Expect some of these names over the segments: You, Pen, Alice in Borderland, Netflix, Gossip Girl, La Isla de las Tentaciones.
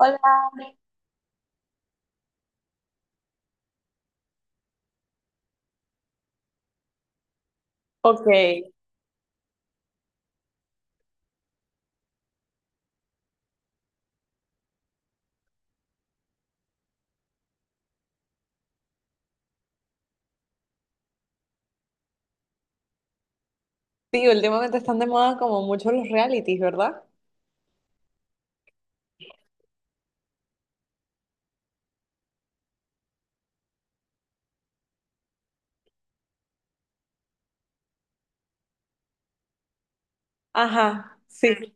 Hola. Ok, sí, últimamente están de moda como mucho los realities, ¿verdad? Ajá, sí.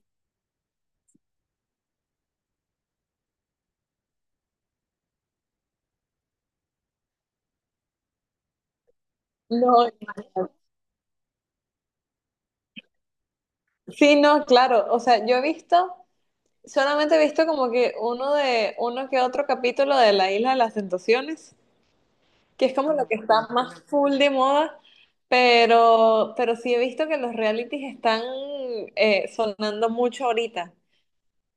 No, sí, no, claro. O sea, solamente he visto como que uno que otro capítulo de La Isla de las Tentaciones, que es como lo que está más full de moda, pero sí he visto que los realities están sonando mucho ahorita.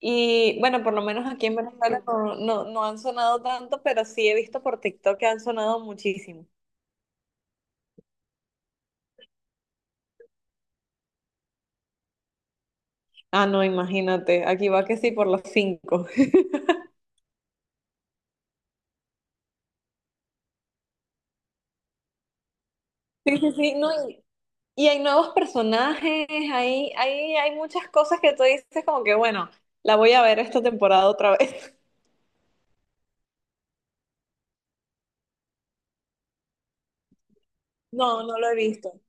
Y bueno, por lo menos aquí en Venezuela no han sonado tanto, pero sí he visto por TikTok que han sonado muchísimo. Ah, no, imagínate, aquí va que sí por las cinco. Sí, sí, sí, no, y hay nuevos personajes, hay muchas cosas que tú dices como que, bueno, la voy a ver esta temporada otra vez. No, no lo he visto.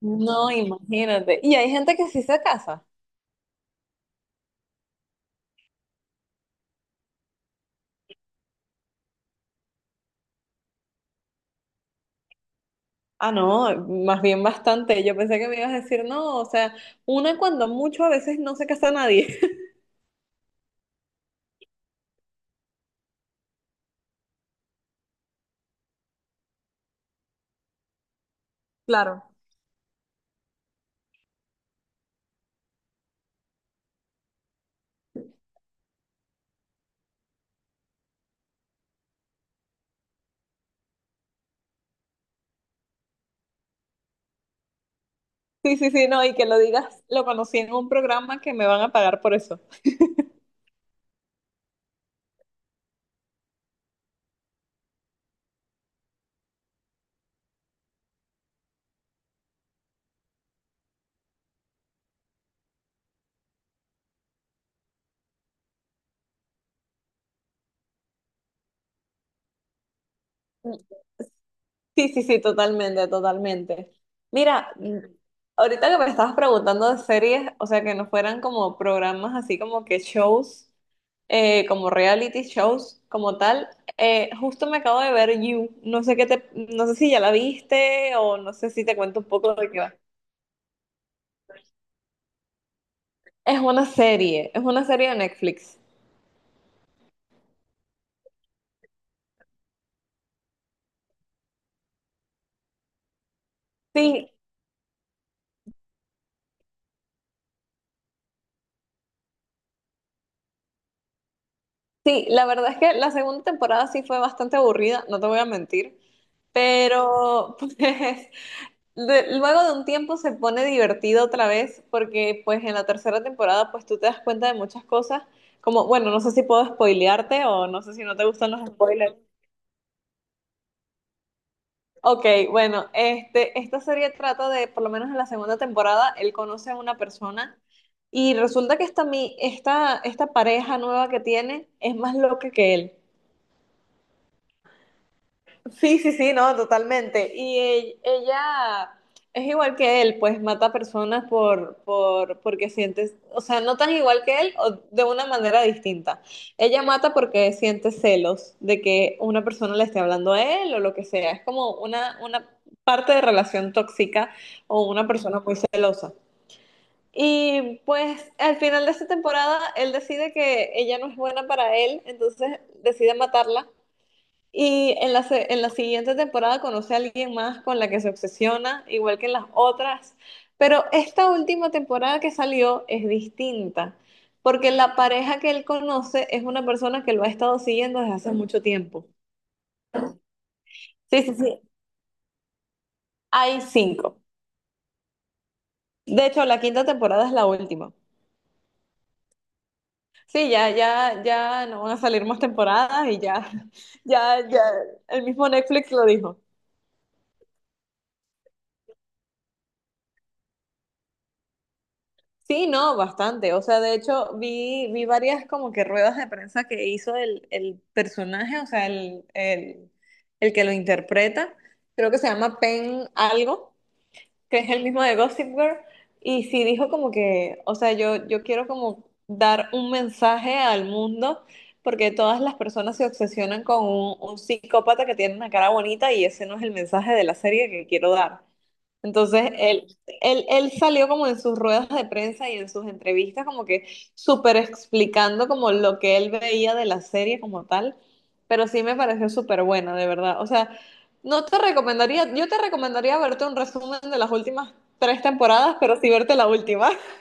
No, imagínate. Y hay gente que sí se casa. Ah, no, más bien bastante. Yo pensé que me ibas a decir, no, o sea, una cuando mucho, a veces no se casa nadie. Claro. Sí, sí, sí, no, y que lo digas, lo conocí en un programa que me van a pagar por eso. Sí, sí, sí, totalmente, totalmente. Mira, ahorita que me estabas preguntando de series, o sea, que no fueran como programas así como que shows, como reality shows, como tal, justo me acabo de ver You. No sé qué te, no sé si ya la viste o no sé si te cuento un poco de qué va. Es una serie de Netflix. Sí, sí, la verdad es que la segunda temporada sí fue bastante aburrida, no te voy a mentir, pero pues, luego de un tiempo se pone divertido otra vez porque pues en la tercera temporada pues tú te das cuenta de muchas cosas como bueno, no sé si puedo spoilearte o no sé si no te gustan los spoilers. Ok, bueno, este, esta serie trata de, por lo menos en la segunda temporada, él conoce a una persona y resulta que esta pareja nueva que tiene es más loca que él. Sí, sí, sí, no, totalmente. Y ella es igual que él, pues mata personas porque sientes, o sea, no tan igual que él o de una manera distinta. Ella mata porque siente celos de que una persona le esté hablando a él o lo que sea. Es como una parte de relación tóxica o una persona muy celosa. Y pues al final de esta temporada, él decide que ella no es buena para él, entonces decide matarla y en la siguiente temporada conoce a alguien más con la que se obsesiona, igual que en las otras. Pero esta última temporada que salió es distinta, porque la pareja que él conoce es una persona que lo ha estado siguiendo desde hace mucho tiempo. Sí, sí, sí. Hay cinco. De hecho, la quinta temporada es la última. Sí, ya no van a salir más temporadas y ya, ya, ya, el mismo Netflix lo dijo. Sí, no, bastante. O sea, de hecho, vi varias como que ruedas de prensa que hizo el personaje, o sea, el que lo interpreta. Creo que se llama Pen algo, que es el mismo de Gossip Girl, y sí dijo como que, o sea, yo quiero como dar un mensaje al mundo, porque todas las personas se obsesionan con un psicópata que tiene una cara bonita y ese no es el mensaje de la serie que quiero dar. Entonces, él salió como en sus ruedas de prensa y en sus entrevistas como que súper explicando como lo que él veía de la serie como tal, pero sí me pareció súper buena, de verdad. O sea, no te recomendaría, yo te recomendaría verte un resumen de las últimas tres temporadas, pero sí verte la última.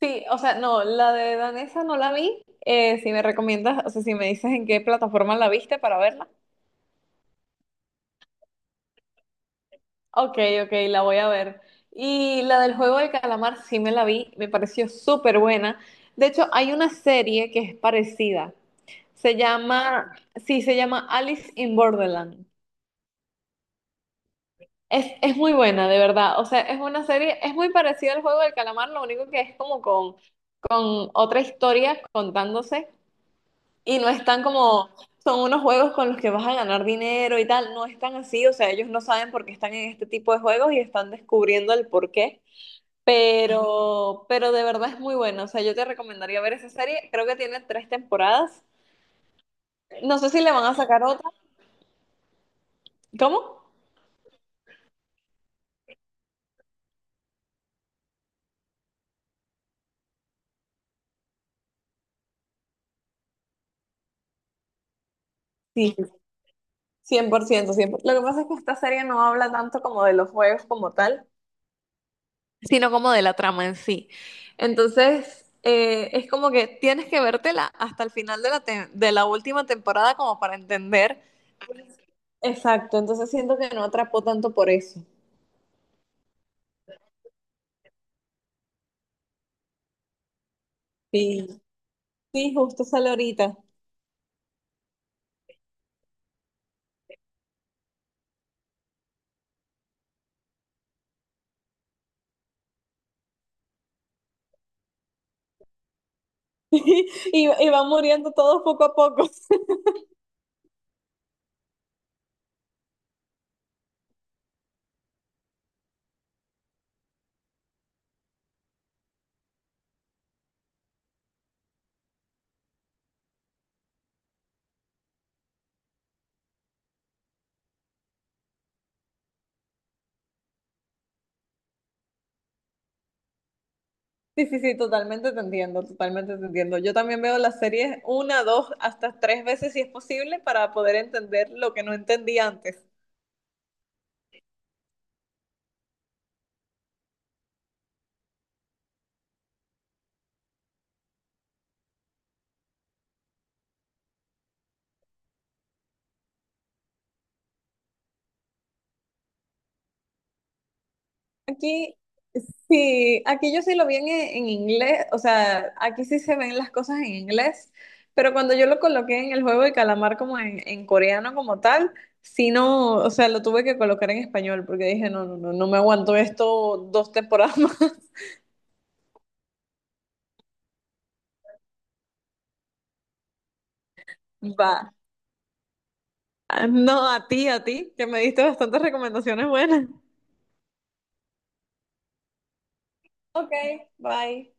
Sí, o sea, no, la de Danesa no la vi. Si me recomiendas, o sea, si me dices en qué plataforma la viste para verla. Ok, ok, la voy a ver. Y la del juego del calamar sí me la vi, me pareció súper buena. De hecho, hay una serie que es parecida. Se llama, sí, se llama Alice in Borderland. Es muy buena, de verdad. O sea, es una serie, es muy parecida al juego del calamar, lo único que es como con otra historia contándose y no están como, son unos juegos con los que vas a ganar dinero y tal, no están así, o sea, ellos no saben por qué están en este tipo de juegos y están descubriendo el por qué, pero de verdad es muy buena, o sea, yo te recomendaría ver esa serie, creo que tiene tres temporadas, no sé si le van a sacar otra, ¿cómo? Sí, 100%, 100%. Lo que pasa es que esta serie no habla tanto como de los juegos como tal, sino como de la trama en sí. Entonces, es como que tienes que vértela hasta el final de la, de la última temporada como para entender. Exacto, entonces siento que no atrapó tanto por eso. Sí, sí, justo sale ahorita. Y, y van muriendo todos poco a poco. Sí, sí, sí, totalmente te entiendo, totalmente te entiendo. Yo también veo las series una, dos, hasta tres veces si es posible para poder entender lo que no entendí antes. Aquí, sí, aquí yo sí lo vi en inglés, o sea, aquí sí se ven las cosas en inglés, pero cuando yo lo coloqué en el juego de calamar como en coreano como tal, sí no, o sea, lo tuve que colocar en español porque dije, no, no, no, no me aguanto esto dos temporadas más. Va. Ah, no, a ti, que me diste bastantes recomendaciones buenas. Ok, bye.